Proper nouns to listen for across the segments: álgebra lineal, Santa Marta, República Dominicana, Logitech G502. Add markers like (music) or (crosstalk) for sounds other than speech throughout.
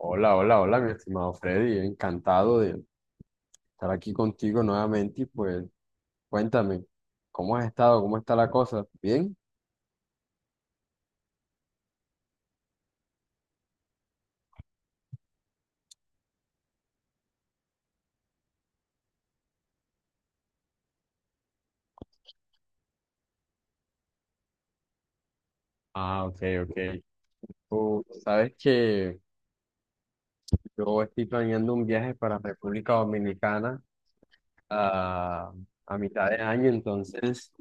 Hola, hola, hola, mi estimado Freddy. Encantado de estar aquí contigo nuevamente y pues cuéntame, ¿cómo has estado? ¿Cómo está la cosa? ¿Bien? Ah, ok, ok. Tú sabes que yo estoy planeando un viaje para República Dominicana a, a mitad de año, entonces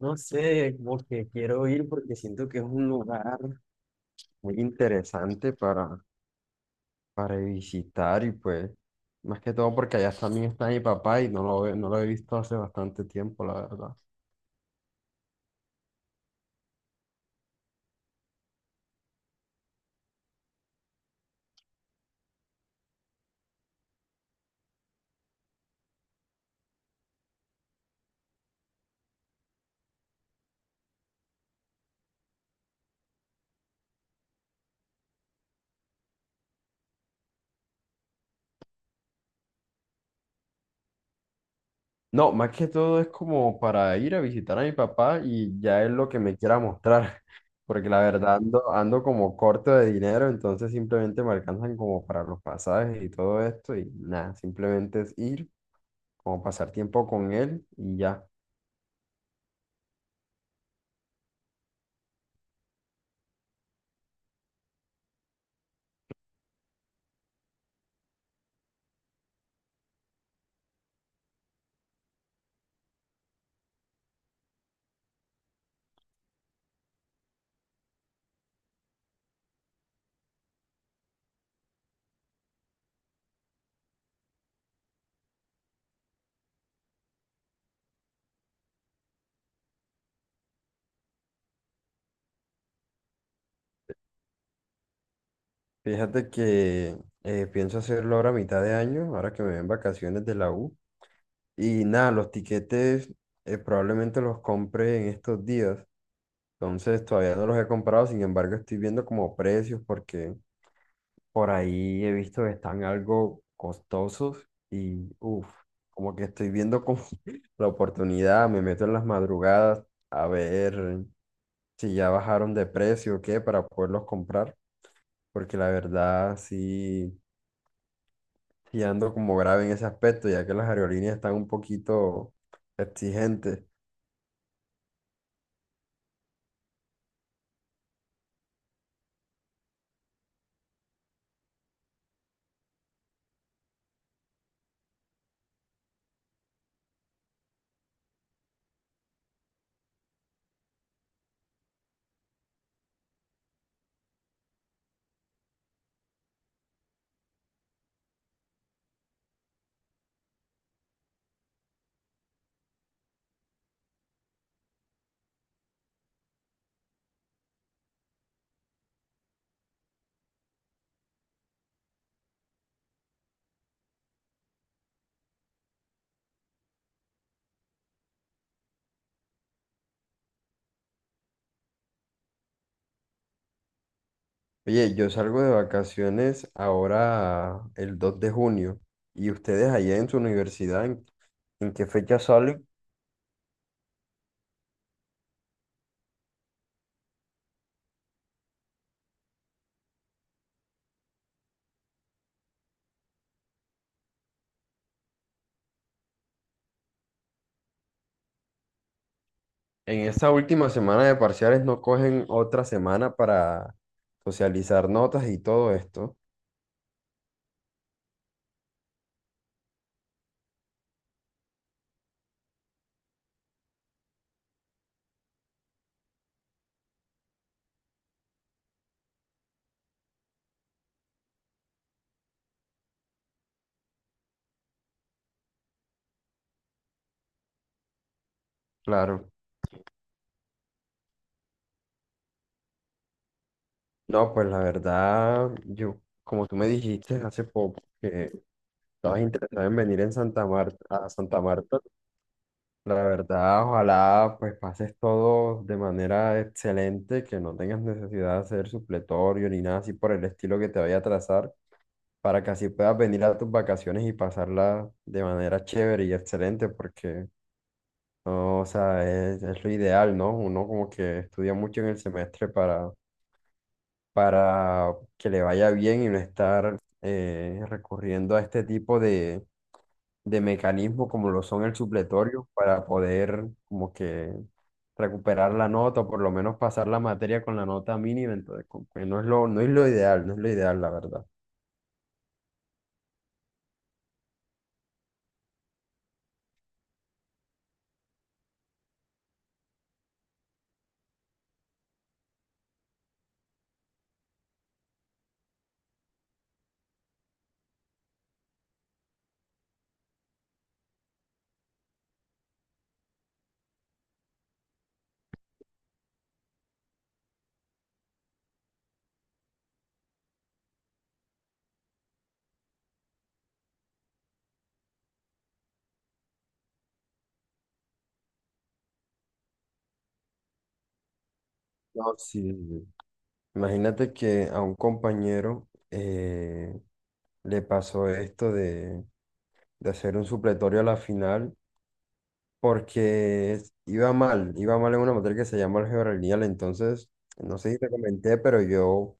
no sé, como que quiero ir porque siento que es un lugar muy interesante para visitar y pues, más que todo porque allá también está mi papá y no lo he visto hace bastante tiempo, la verdad. No, más que todo es como para ir a visitar a mi papá y ya es lo que me quiera mostrar, (laughs) porque la verdad ando como corto de dinero, entonces simplemente me alcanzan como para los pasajes y todo esto y nada, simplemente es ir, como pasar tiempo con él y ya. Fíjate que pienso hacerlo ahora a mitad de año, ahora que me ven vacaciones de la U. Y nada, los tiquetes probablemente los compre en estos días. Entonces todavía no los he comprado, sin embargo estoy viendo como precios porque por ahí he visto que están algo costosos y como que estoy viendo como (laughs) la oportunidad, me meto en las madrugadas a ver si ya bajaron de precio o qué para poderlos comprar, porque la verdad sí, sí ando como grave en ese aspecto, ya que las aerolíneas están un poquito exigentes. Oye, yo salgo de vacaciones ahora el 2 de junio y ustedes allá en su universidad, ¿en qué fecha salen? En esta última semana de parciales no cogen otra semana para socializar notas y todo esto. Claro. No, pues la verdad, yo, como tú me dijiste hace poco que estabas interesado en venir en Santa Marta, a Santa Marta. La verdad, ojalá pues pases todo de manera excelente, que no tengas necesidad de hacer supletorio ni nada así por el estilo que te vaya a trazar, para que así puedas venir a tus vacaciones y pasarla de manera chévere y excelente, porque no, o sea, es lo ideal, ¿no? Uno como que estudia mucho en el semestre para que le vaya bien y no estar recurriendo a este tipo de mecanismos como lo son el supletorio para poder como que recuperar la nota o por lo menos pasar la materia con la nota mínima, entonces como que no es lo ideal, no es lo ideal, la verdad. No, sí. Sí. Imagínate que a un compañero le pasó esto de hacer un supletorio a la final porque iba mal en una materia que se llama álgebra lineal, entonces, no sé si te comenté, pero yo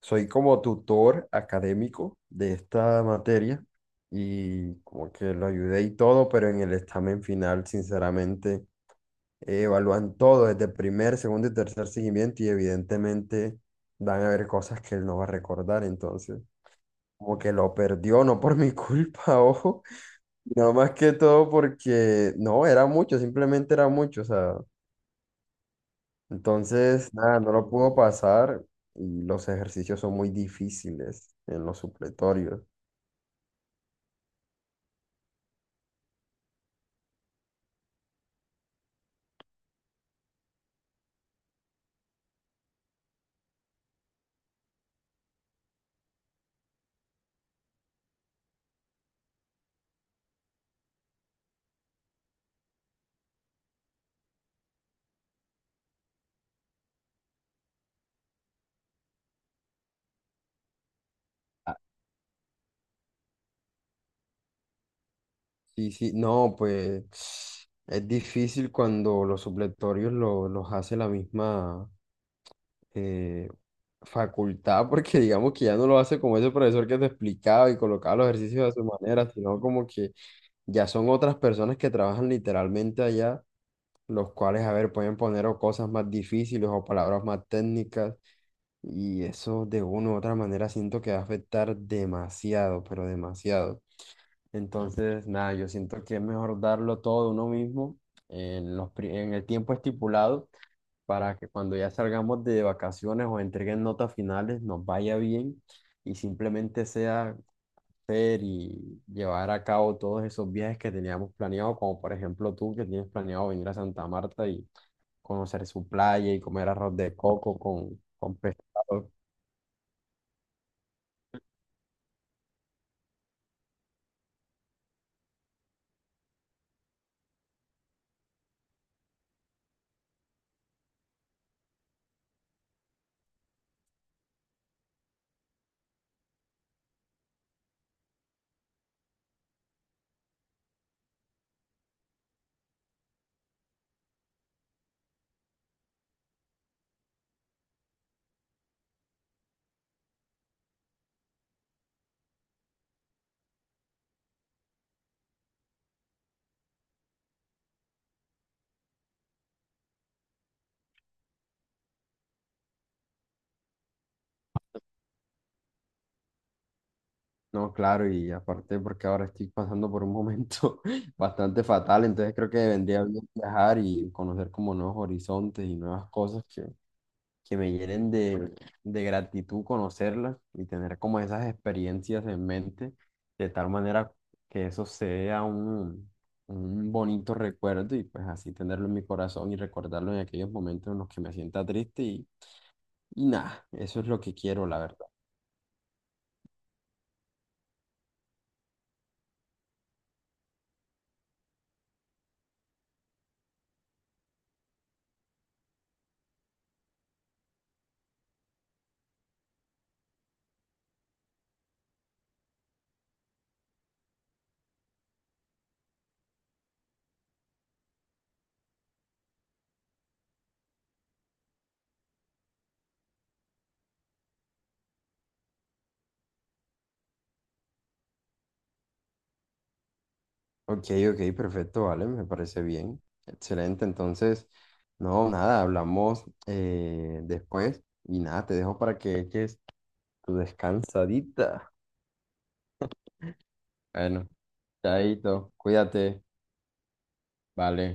soy como tutor académico de esta materia y como que lo ayudé y todo, pero en el examen final, sinceramente, evalúan todo desde el primer, segundo y tercer seguimiento y evidentemente van a haber cosas que él no va a recordar, entonces como que lo perdió, no por mi culpa, (laughs) ojo, no más que todo porque no, era mucho, simplemente era mucho, o sea, entonces nada, no lo pudo pasar y los ejercicios son muy difíciles en los supletorios. Ah, sí, sí, no, pues es difícil cuando los hace la misma eh, facultad, porque digamos que ya no lo hace como ese profesor que te explicaba y colocaba los ejercicios de su manera, sino como que ya son otras personas que trabajan literalmente allá, los cuales, a ver, pueden poner o cosas más difíciles o palabras más técnicas, y eso de una u otra manera siento que va a afectar demasiado, pero demasiado. Entonces, nada, yo siento que es mejor darlo todo de uno mismo en en el tiempo estipulado para que cuando ya salgamos de vacaciones o entreguen notas finales nos vaya bien y simplemente sea hacer y llevar a cabo todos esos viajes que teníamos planeado, como por ejemplo tú que tienes planeado venir a Santa Marta y conocer su playa y comer arroz de coco con pescado. No, claro, y aparte porque ahora estoy pasando por un momento (laughs) bastante fatal, entonces creo que vendría bien viajar y conocer como nuevos horizontes y nuevas cosas que me llenen de gratitud conocerlas y tener como esas experiencias en mente, de tal manera que eso sea un bonito recuerdo y pues así tenerlo en mi corazón y recordarlo en aquellos momentos en los que me sienta triste y nada, eso es lo que quiero, la verdad. Ok, ok, perfecto, vale, me parece bien. Excelente, entonces, no, nada, hablamos después y nada, te dejo para que eches tu descansadita. Bueno, chaito, cuídate, vale.